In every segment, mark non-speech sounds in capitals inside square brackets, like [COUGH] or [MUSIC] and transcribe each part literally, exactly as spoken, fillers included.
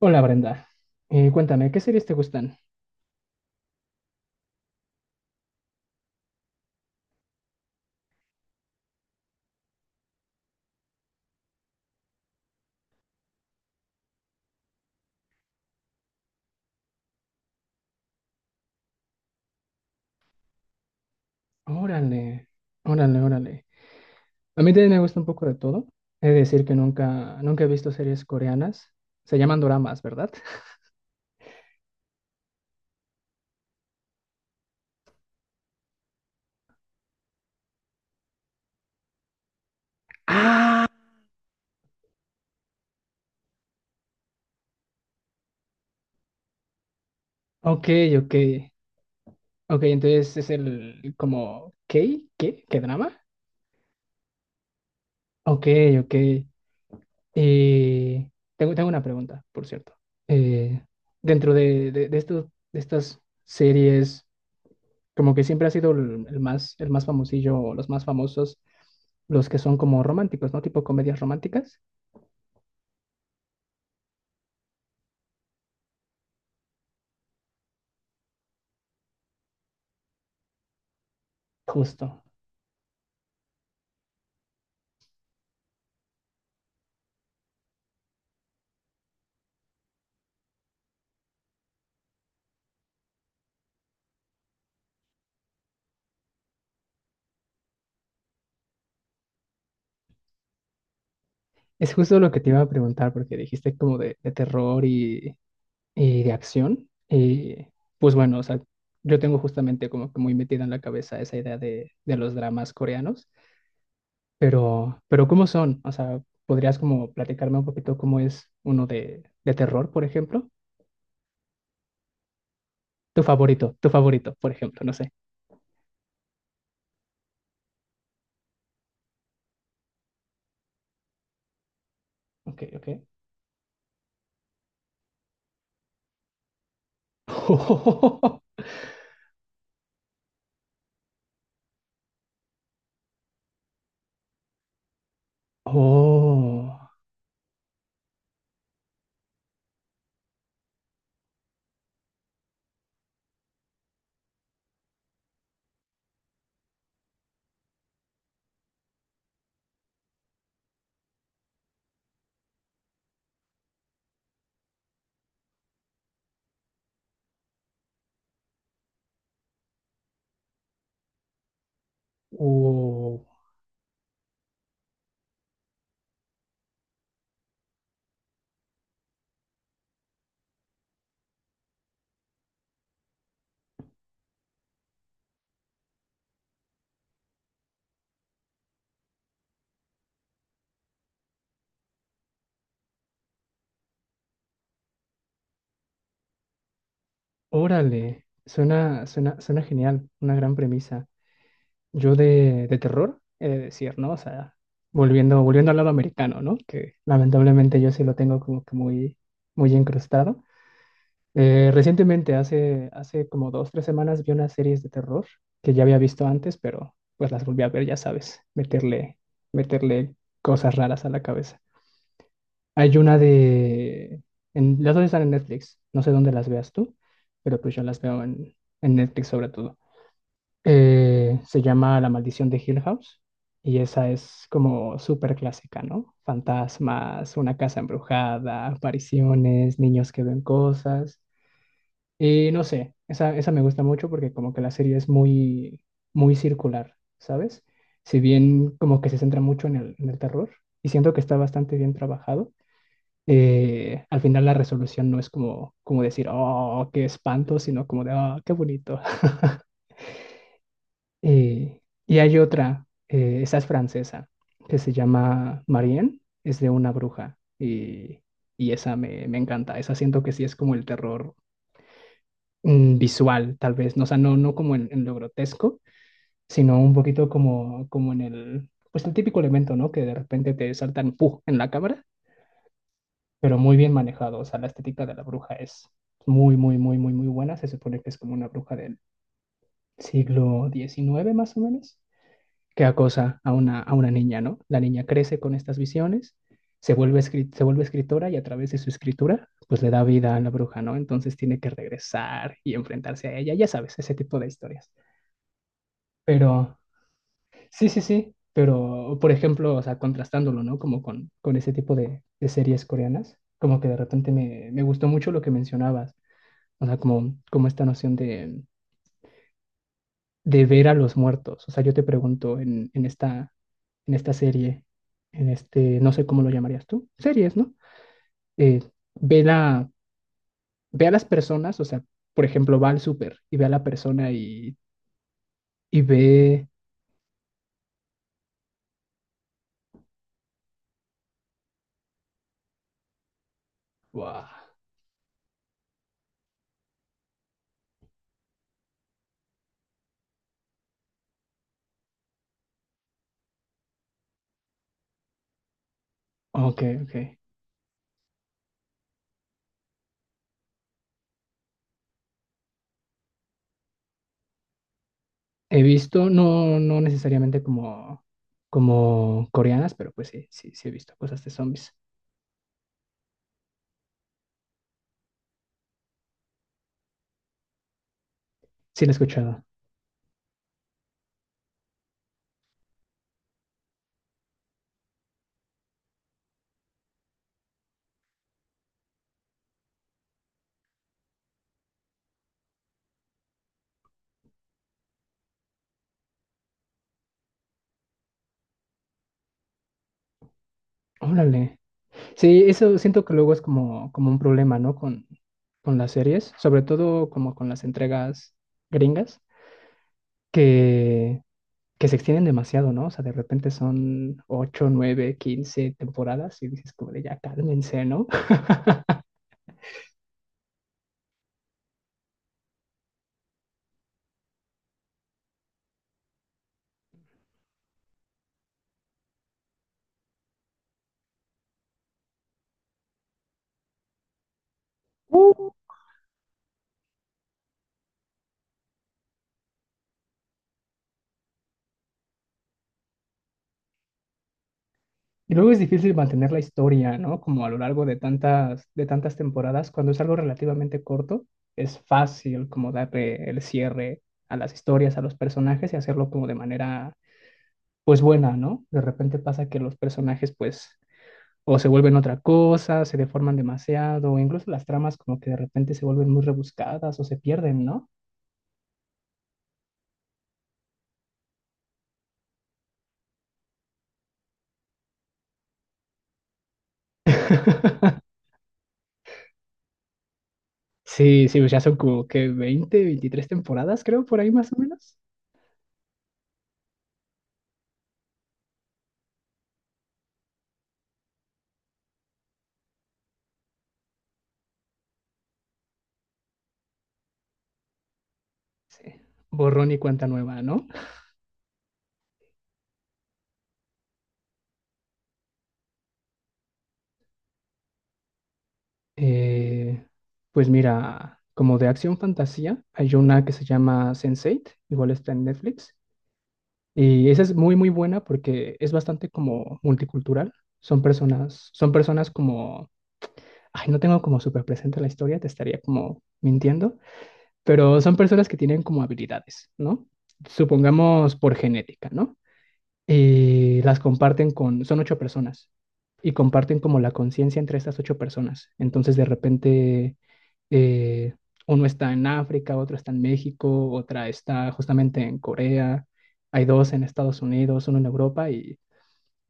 Hola Brenda. Eh, cuéntame, ¿qué series te gustan? Órale, órale, órale. A mí también me gusta un poco de todo. He de decir que nunca, nunca he visto series coreanas. Se llaman doramas, ¿verdad? [LAUGHS] Ok, ok. Ok, entonces es el como ¿qué? ¿Qué? ¿Qué drama? Ok, ok. Y tengo, tengo una pregunta, por cierto. Eh, dentro de, de, de estos, de estas series, como que siempre ha sido el, el más, el más famosillo, o los más famosos, los que son como románticos, ¿no? Tipo comedias románticas. Justo. Es justo lo que te iba a preguntar, porque dijiste como de, de terror y, y de acción. Y pues bueno, o sea, yo tengo justamente como que muy metida en la cabeza esa idea de, de los dramas coreanos, pero, pero ¿cómo son? O sea, ¿podrías como platicarme un poquito cómo es uno de, de terror, por ejemplo? Tu favorito, tu favorito, por ejemplo, no sé. Ok, ok. [LAUGHS] Oh, oh, oh, órale, suena, suena, suena genial, una gran premisa. Yo de, de terror, he de decir, ¿no? O sea, volviendo, volviendo al lado americano, ¿no? Que lamentablemente yo sí lo tengo como que muy, muy incrustado. Eh, recientemente, hace, hace como dos, tres semanas, vi unas series de terror que ya había visto antes, pero pues las volví a ver, ya sabes, meterle, meterle cosas raras a la cabeza. Hay una de... en- las dos están en Netflix. No sé dónde las veas tú, pero pues yo las veo en, en, Netflix sobre todo. Eh, se llama La Maldición de Hill House y esa es como súper clásica, ¿no? Fantasmas, una casa embrujada, apariciones, niños que ven cosas. Y no sé, esa, esa me gusta mucho porque como que la serie es muy, muy circular, ¿sabes? Si bien como que se centra mucho en el, en el, terror y siento que está bastante bien trabajado. eh, al final la resolución no es como, como decir, oh, qué espanto, sino como de, oh, qué bonito. [LAUGHS] Eh, y hay otra, eh, esa es francesa, que se llama Marianne, es de una bruja y, y esa me, me encanta, esa siento que sí es como el terror mm, visual, tal vez, no, o sea, no, no como en, en lo grotesco, sino un poquito como, como en el, pues el típico elemento, ¿no? Que de repente te saltan, ¡puf!, en la cámara, pero muy bien manejado. O sea, la estética de la bruja es muy, muy, muy, muy, muy buena. Se supone que es como una bruja del siglo diecinueve más o menos, que acosa a una, a una, niña, ¿no? La niña crece con estas visiones, se vuelve, escri- se vuelve escritora y a través de su escritura, pues le da vida a la bruja, ¿no? Entonces tiene que regresar y enfrentarse a ella, ya sabes, ese tipo de historias. Pero sí, sí, sí. Pero, por ejemplo, o sea, contrastándolo, ¿no? Como con, con ese tipo de, de series coreanas, como que de repente me, me gustó mucho lo que mencionabas. O sea, como, como, esta noción de, de ver a los muertos. O sea, yo te pregunto en, en esta, en esta serie, en este, no sé cómo lo llamarías tú, series, ¿no? Eh, ve la, ve a las personas, o sea, por ejemplo, va al súper y ve a la persona y, y ve... Wow. Ok, ok. He visto, no, no necesariamente como, como, coreanas, pero pues sí, sí, sí he visto cosas de zombies. Sí la he escuchado. Órale. Sí, eso siento que luego es como, como un problema, ¿no? Con, con las series, sobre todo como con las entregas gringas, que, que se extienden demasiado, ¿no? O sea, de repente son ocho, nueve, quince temporadas y dices como de ya cálmense, ¿no? [LAUGHS] Y luego es difícil mantener la historia, ¿no? Como a lo largo de tantas, de tantas temporadas, cuando es algo relativamente corto, es fácil como darle el cierre a las historias, a los personajes y hacerlo como de manera pues buena, ¿no? De repente pasa que los personajes pues o se vuelven otra cosa, se deforman demasiado, o incluso las tramas como que de repente se vuelven muy rebuscadas o se pierden, ¿no? [LAUGHS] Sí, sí, pues ya son como que veinte, veintitrés temporadas, creo, por ahí más o menos. Sí. Borrón y cuenta nueva, ¿no? Eh, pues mira, como de acción fantasía, hay una que se llama sense eight, igual está en Netflix. Y esa es muy, muy buena porque es bastante como multicultural. Son personas, son personas como, ay, no tengo como súper presente la historia, te estaría como mintiendo, pero son personas que tienen como habilidades, ¿no? Supongamos por genética, ¿no? Y las comparten con, son ocho personas y comparten como la conciencia entre estas ocho personas. Entonces, de repente eh, uno está en África, otro está en México, otra está justamente en Corea, hay dos en Estados Unidos, uno en Europa y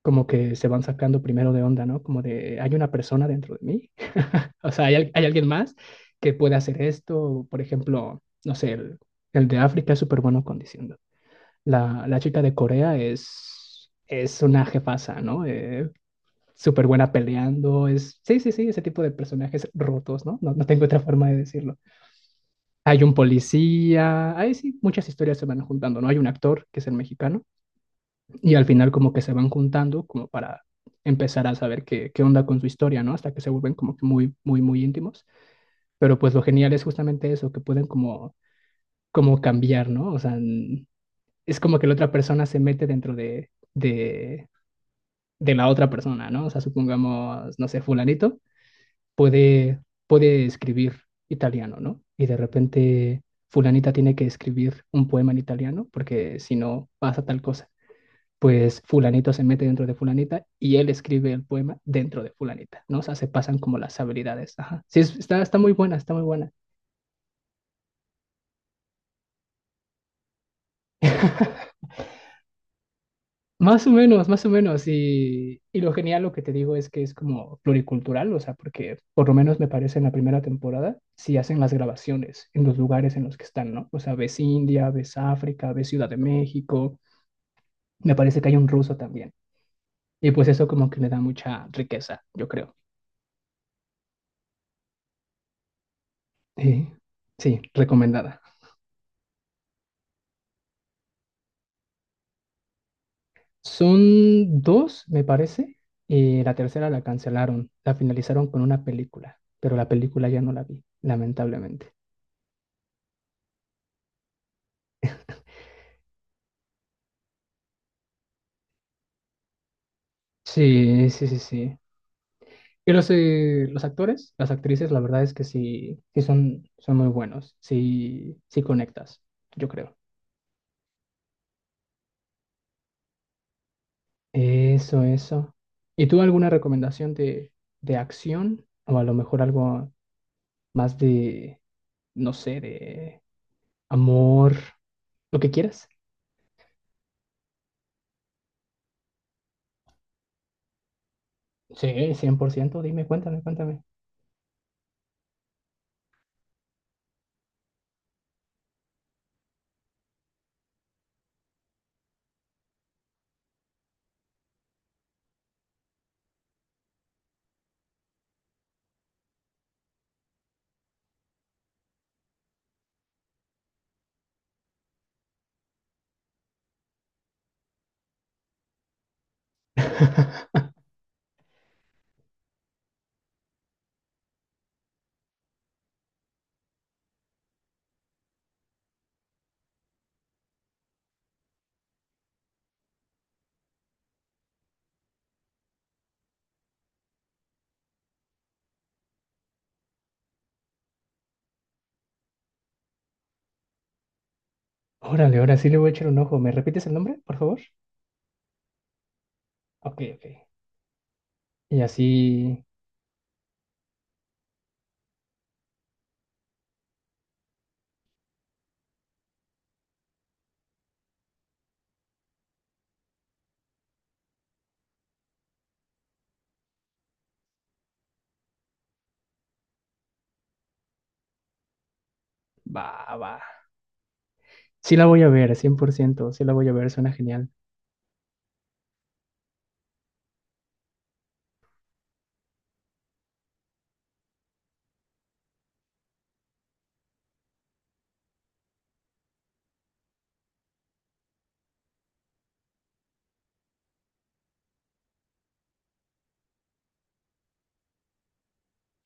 como que se van sacando primero de onda, ¿no? Como de, hay una persona dentro de mí, [LAUGHS] o sea, hay, al- hay alguien más que puede hacer esto, por ejemplo, no sé, el, el, de África es súper bueno condiciendo. La, la, chica de Corea es, es una jefaza, ¿no? Eh, súper buena peleando, es, sí, sí, sí, ese tipo de personajes rotos, ¿no? No, no tengo otra forma de decirlo. Hay un policía, ahí sí, muchas historias se van juntando, ¿no? Hay un actor que es el mexicano y al final como que se van juntando como para empezar a saber qué, qué, onda con su historia, ¿no? Hasta que se vuelven como que muy, muy, muy íntimos. Pero pues lo genial es justamente eso, que pueden como, como, cambiar, ¿no? O sea, n- es como que la otra persona se mete dentro de, de, de, la otra persona, ¿no? O sea, supongamos, no sé, fulanito puede, puede escribir italiano, ¿no? Y de repente fulanita tiene que escribir un poema en italiano porque si no pasa tal cosa. Pues fulanito se mete dentro de fulanita y él escribe el poema dentro de fulanita, ¿no? O sea, se pasan como las habilidades. Ajá. Sí, es- está, está muy buena, está muy buena. [LAUGHS] Más o menos, más o menos. Y, y lo genial, lo que te digo es que es como pluricultural, o sea, porque por lo menos me parece en la primera temporada, si hacen las grabaciones en los lugares en los que están, ¿no? O sea, ves India, ves África, ves Ciudad de México, me parece que hay un ruso también. Y pues eso como que le da mucha riqueza, yo creo. Eh, sí, recomendada. Son dos, me parece, y la tercera la cancelaron, la finalizaron con una película, pero la película ya no la vi, lamentablemente. Sí, sí, sí, sí. Pero sí, los actores, las actrices, la verdad es que sí, sí son, son, muy buenos. Sí, sí conectas, yo creo. Eso, eso. ¿Y tú alguna recomendación de, de acción? O a lo mejor algo más de, no sé, de amor, lo que quieras. Sí, cien por ciento. Dime, cuéntame, cuéntame. [LAUGHS] Órale, ahora sí le voy a echar un ojo. ¿Me repites el nombre, por favor? Ok, ok. Y así va, va. Sí la voy a ver, cien por ciento. Sí la voy a ver, suena genial.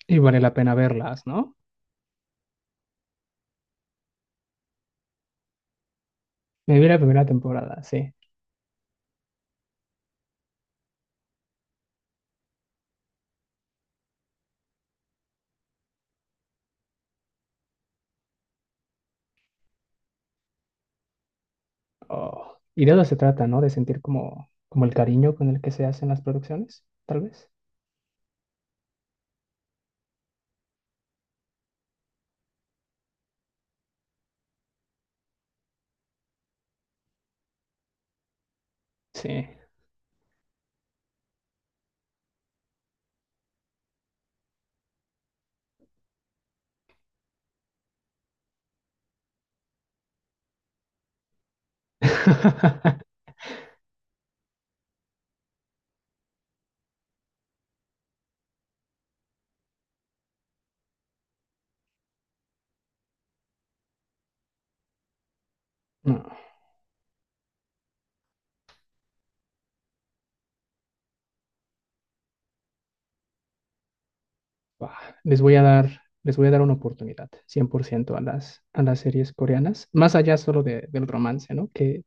Y vale la pena verlas, ¿no? Me vi la primera temporada, sí. Oh, y de eso se trata, ¿no? De sentir como, como, el cariño con el que se hacen las producciones, tal vez. Sí. [LAUGHS] No, bah, les voy a dar, les voy a dar, una oportunidad, cien por ciento, a las, a las series coreanas, más allá solo de- del romance, ¿no? Que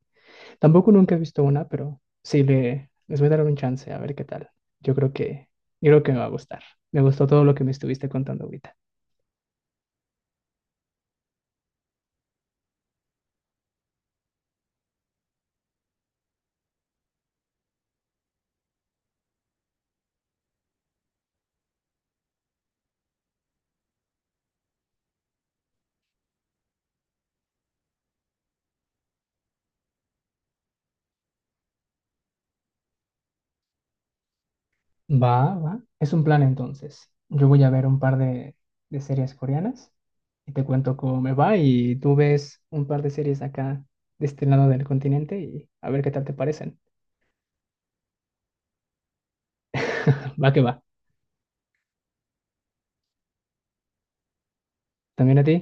tampoco nunca he visto una, pero sí le, les voy a dar un chance a ver qué tal. Yo creo que, yo creo que me va a gustar. Me gustó todo lo que me estuviste contando ahorita. Va, va. Es un plan entonces. Yo voy a ver un par de, de series coreanas y te cuento cómo me va y tú ves un par de series acá de este lado del continente y a ver qué tal te parecen. [LAUGHS] Va que va. ¿También a ti?